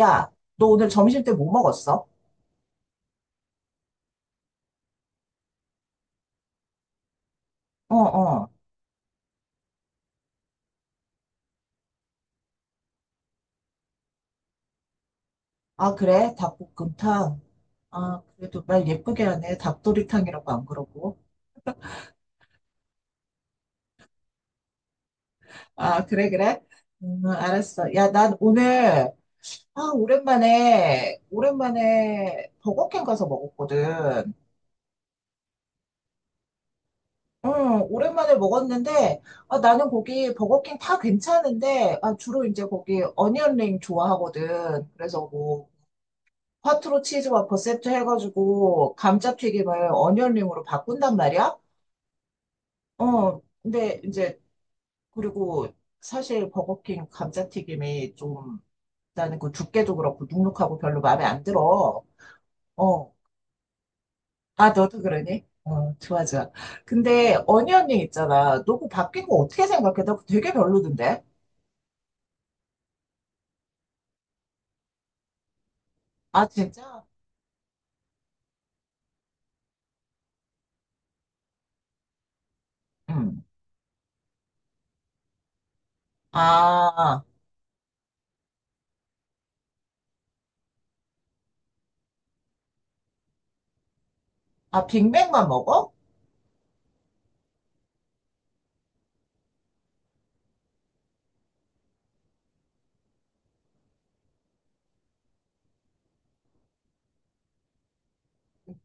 야, 너 오늘 점심 때 뭐 먹었어? 어, 어. 아, 그래? 닭볶음탕. 아, 그래도 말 예쁘게 하네. 닭도리탕이라고 안 그러고. 아, 그래, 그래? 알았어. 야, 난 오늘, 아, 오랜만에 버거킹 가서 먹었거든. 응, 오랜만에 먹었는데, 아, 나는 거기 버거킹 다 괜찮은데, 아, 주로 이제 거기 어니언링 좋아하거든. 그래서 뭐, 화투로 치즈와 버셉트 해가지고 감자튀김을 어니언링으로 바꾼단 말이야? 어, 근데 이제, 그리고 사실 버거킹 감자튀김이 좀, 나는 그 두께도 그렇고 눅눅하고 별로 마음에 안 들어. 어, 아, 너도 그러니? 어, 좋아, 좋아. 근데 어니언링 있잖아. 너 그거 바뀐 거 어떻게 생각해? 나 그거 되게 별로던데? 아, 진짜? 응. 아, 아, 빅맥만 먹어?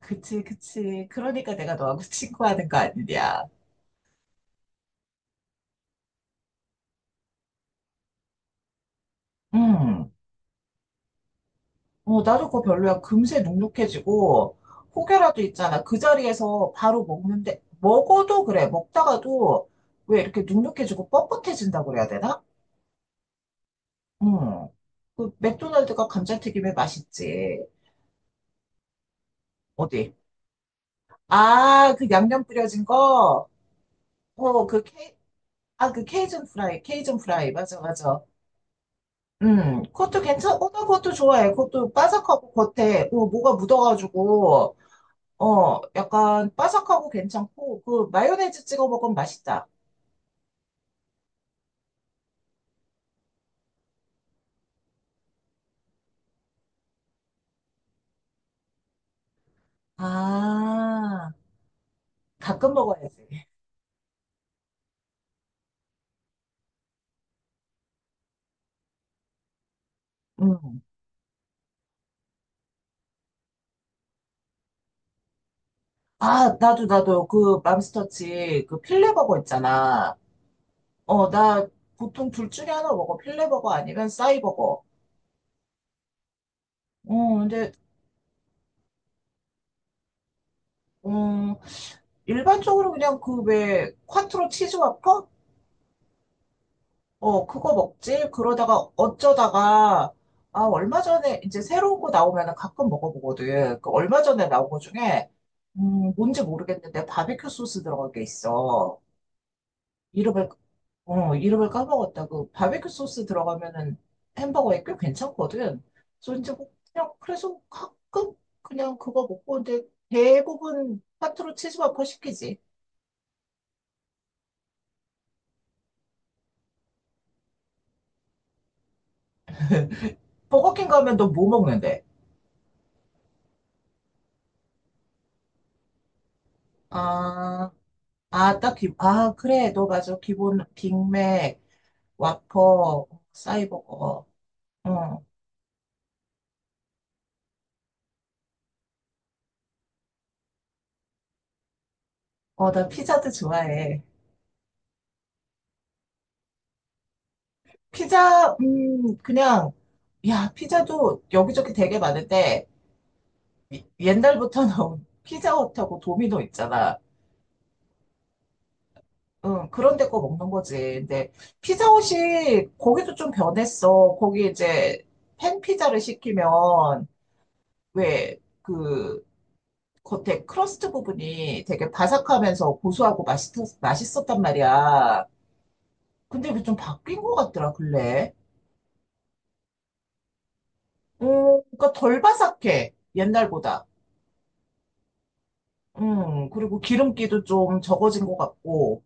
그치, 그치. 그러니까 내가 너하고 친구하는 거 아니냐. 음. 어, 나도 그거 별로야. 금세 눅눅해지고, 혹여라도 있잖아. 그 자리에서 바로 먹는데, 먹어도 그래. 먹다가도 왜 이렇게 눅눅해지고 뻣뻣해진다고 그래야 되나? 응. 그 맥도날드가 감자튀김에 맛있지. 어디? 아, 그 양념 뿌려진 거? 어, 그 케이, 아, 그 케이준 프라이, 케이준 프라이. 맞아, 맞아. 그것도 괜찮, 어, 나 그것도 좋아해. 그것도 바삭하고 겉에, 어, 뭐가 묻어가지고, 어, 약간 바삭하고 괜찮고, 그 마요네즈 찍어 먹으면 맛있다. 아, 가끔 먹어야지. 음. 아, 나도, 나도, 그, 맘스터치, 그, 필레버거 있잖아. 어, 나, 보통 둘 중에 하나 먹어. 필레버거 아니면 싸이버거. 어, 근데, 음, 일반적으로 그냥 그, 왜, 콰트로 치즈 와퍼? 어, 그거 먹지? 그러다가 어쩌다가, 아, 얼마 전에, 이제 새로운 거 나오면 가끔 먹어보거든. 그 얼마 전에 나온 거 중에, 뭔지 모르겠는데, 바베큐 소스 들어간 게 있어. 이름을, 어, 이름을 까먹었다. 그 바베큐 소스 들어가면은 햄버거에 꽤 괜찮거든. 그래서 이제 뭐 그냥, 그래서 가끔 그냥 그거 먹고, 근데 대부분 파트로 치즈버거 시키지. 버거킹 가면 너 뭐 먹는데? 아, 아, 딱히, 아, 그래, 너 맞아. 기본 빅맥, 와퍼, 사이버거. 어, 어, 나 피자도 좋아해. 피자, 그냥, 야, 피자도 여기저기 되게 많은데, 이- 옛날부터 나온 피자헛하고 도미노 있잖아. 응, 그런 데 거 먹는 거지. 근데 피자헛이 거기도 좀 변했어. 거기 이제 팬피자를 시키면, 왜, 그, 겉에 크러스트 부분이 되게 바삭하면서 고소하고 맛있, 맛있었단 말이야. 근데 이게 좀 바뀐 것 같더라, 근래. 어, 그러니까 덜 바삭해, 옛날보다. 그리고 기름기도 좀 적어진 것 같고,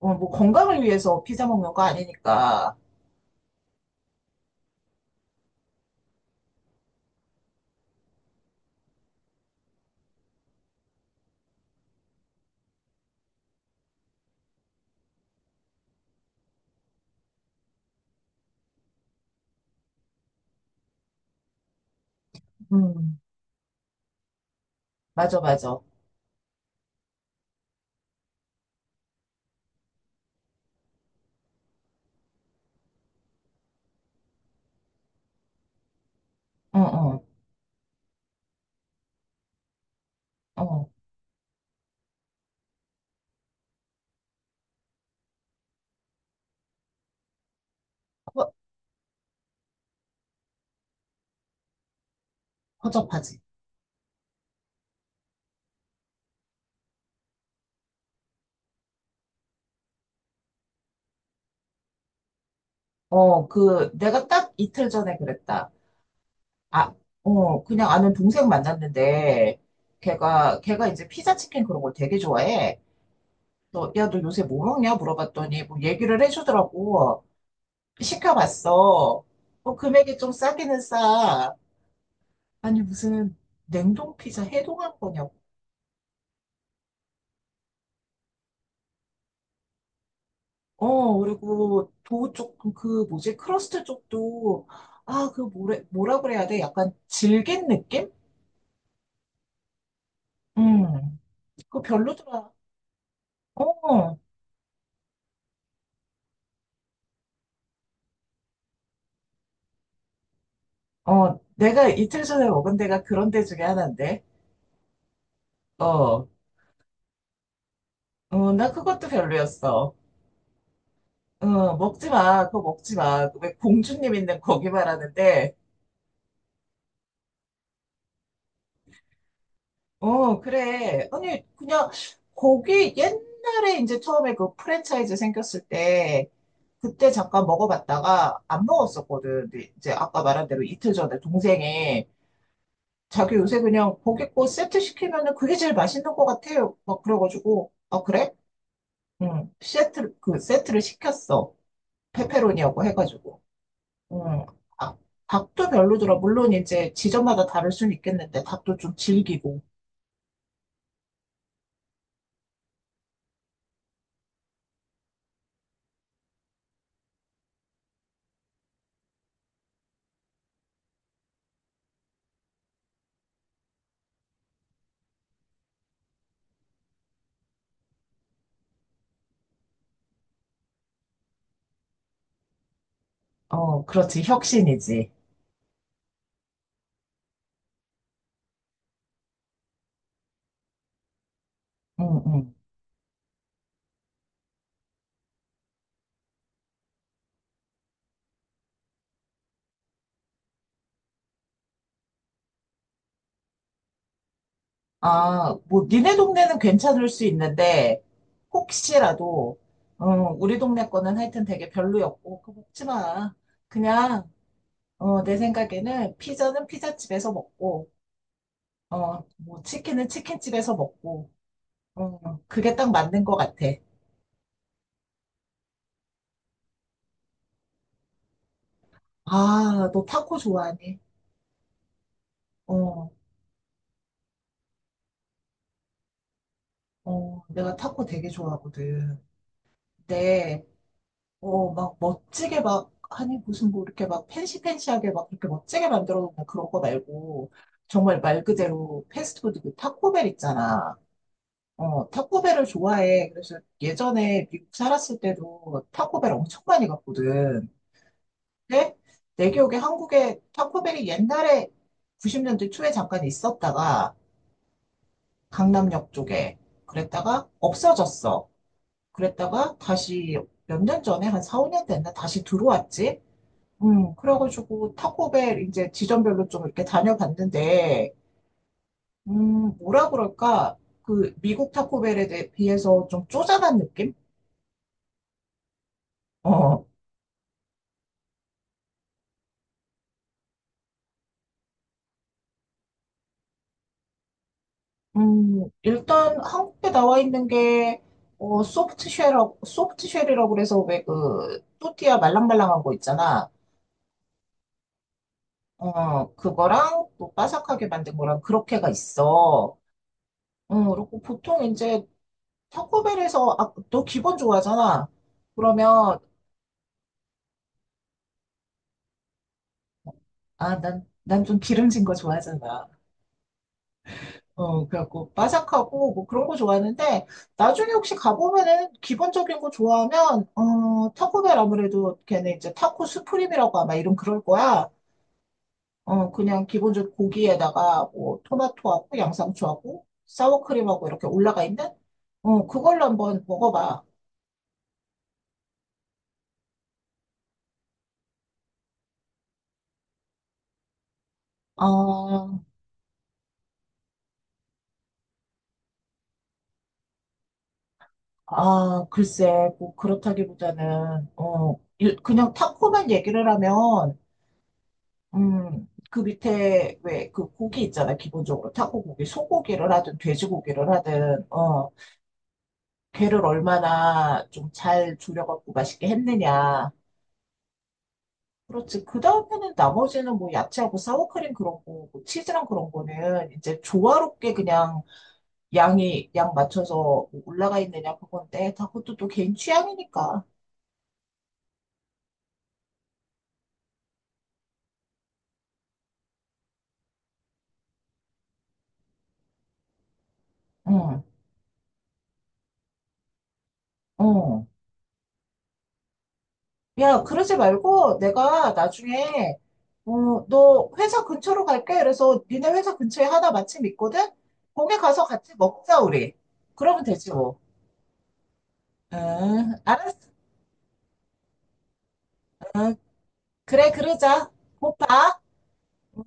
어, 뭐 건강을 위해서 피자 먹는 거 아니니까. 음, 맞아, 맞아. 응, 응, 어, 허, 허접하지. 어, 그, 내가 딱 이틀 전에 그랬다. 아, 어, 그냥 아는 동생 만났는데, 걔가 이제 피자 치킨 그런 걸 되게 좋아해. 너, 야, 너 요새 뭐 먹냐? 물어봤더니, 뭐 얘기를 해주더라고. 시켜봤어. 뭐 금액이 좀 싸기는 싸. 아니, 무슨 냉동 피자 해동한 거냐고. 어, 그리고 도우 쪽, 그 뭐지, 크러스트 쪽도, 아, 그 뭐래, 뭐라 그래야 돼? 약간 질긴 느낌? 음, 그거 별로더라. 어. 어, 내가 이틀 전에 먹은 데가 그런 데 중에 하나인데. 어, 어, 나 그것도 별로였어. 어, 먹지 마. 그거 먹지 마. 그왜 공주님 있는 거기 말하는데. 어, 그래. 아니, 그냥 거기 옛날에 이제 처음에 그 프랜차이즈 생겼을 때 그때 잠깐 먹어봤다가 안 먹었었거든. 근데 이제 아까 말한 대로 이틀 전에 동생이 자기 요새 그냥 고기 고 세트 시키면은 그게 제일 맛있는 것 같아요. 막 그래가지고, 아, 그래? 응, 세트, 그 세트를 시켰어. 페페로니하고 해가지고. 응, 아, 닭도 별로더라. 물론 이제 지점마다 다를 수는 있겠는데, 닭도 좀 질기고. 어, 그렇지. 혁신이지. 응, 응. 아, 뭐, 니네 동네는 괜찮을 수 있는데, 혹시라도, 어, 우리 동네 거는 하여튼 되게 별로였고, 그거 먹지 마. 그냥, 어, 내 생각에는 피자는 피자집에서 먹고, 어, 뭐, 치킨은 치킨집에서 먹고, 어, 그게 딱 맞는 것 같아. 아, 너 타코 좋아하니? 어, 어, 내가 타코 되게 좋아하거든. 근데, 어, 막 멋지게 막, 아니, 무슨 뭐 이렇게 막 팬시팬시하게 막 그렇게 멋지게 만들어 놓는 그런 거 말고, 정말 말 그대로 패스트푸드 그 타코벨 있잖아. 어, 타코벨을 좋아해. 그래서 예전에 미국 살았을 때도 타코벨 엄청 많이 갔거든. 근데 내 기억에 한국에 타코벨이 옛날에 90년대 초에 잠깐 있었다가, 강남역 쪽에. 그랬다가 없어졌어. 그랬다가 다시 몇 년 전에 한 4, 5년 됐나 다시 들어왔지. 그래가지고 타코벨 이제 지점별로 좀 이렇게 다녀봤는데, 뭐라 그럴까? 그 미국 타코벨에 대해 비해서 좀 쪼잔한 느낌? 어. 일단 한국에 나와 있는 게 어, 소프트쉘이라고 그래서 왜 그 또띠아 말랑말랑한 거 있잖아. 어, 그거랑 또 바삭하게 만든 거랑 그렇게가 있어. 응, 그리고 보통 이제 타코벨에서, 아, 너 기본 좋아하잖아. 그러면, 아, 난 좀 기름진 거 좋아하잖아. 어, 그래갖고 바삭하고 뭐 그런 거 좋아하는데, 나중에 혹시 가보면은 기본적인 거 좋아하면, 어, 타코벨 아무래도 걔네 이제 타코 스프림이라고 아마 이름 그럴 거야. 어, 그냥 기본적으로 고기에다가 뭐 토마토하고 양상추하고 사워크림하고 이렇게 올라가 있는? 어, 그걸로 한번 먹어봐. 아, 아, 글쎄, 뭐 그렇다기보다는, 어, 일- 그냥 타코만 얘기를 하면, 그 밑에 왜 그 고기 있잖아, 기본적으로. 타코 고기, 소고기를 하든 돼지고기를 하든, 어, 걔를 얼마나 좀 잘 졸여갖고 맛있게 했느냐. 그렇지. 그 다음에는 나머지는 뭐 야채하고 사워크림 그런 거, 뭐 치즈랑 그런 거는 이제 조화롭게 그냥 양이, 양 맞춰서 뭐 올라가 있느냐 그건데, 다 그것도 또 개인 취향이니까. 응, 응. 야, 그러지 말고 내가 나중에, 어, 너 회사 근처로 갈게. 그래서 니네 회사 근처에 하나 마침 있거든? 거기 가서 같이 먹자, 우리. 그러면 되지, 뭐. 응, 알았어. 응, 그래, 그러자. 곧 봐. 응.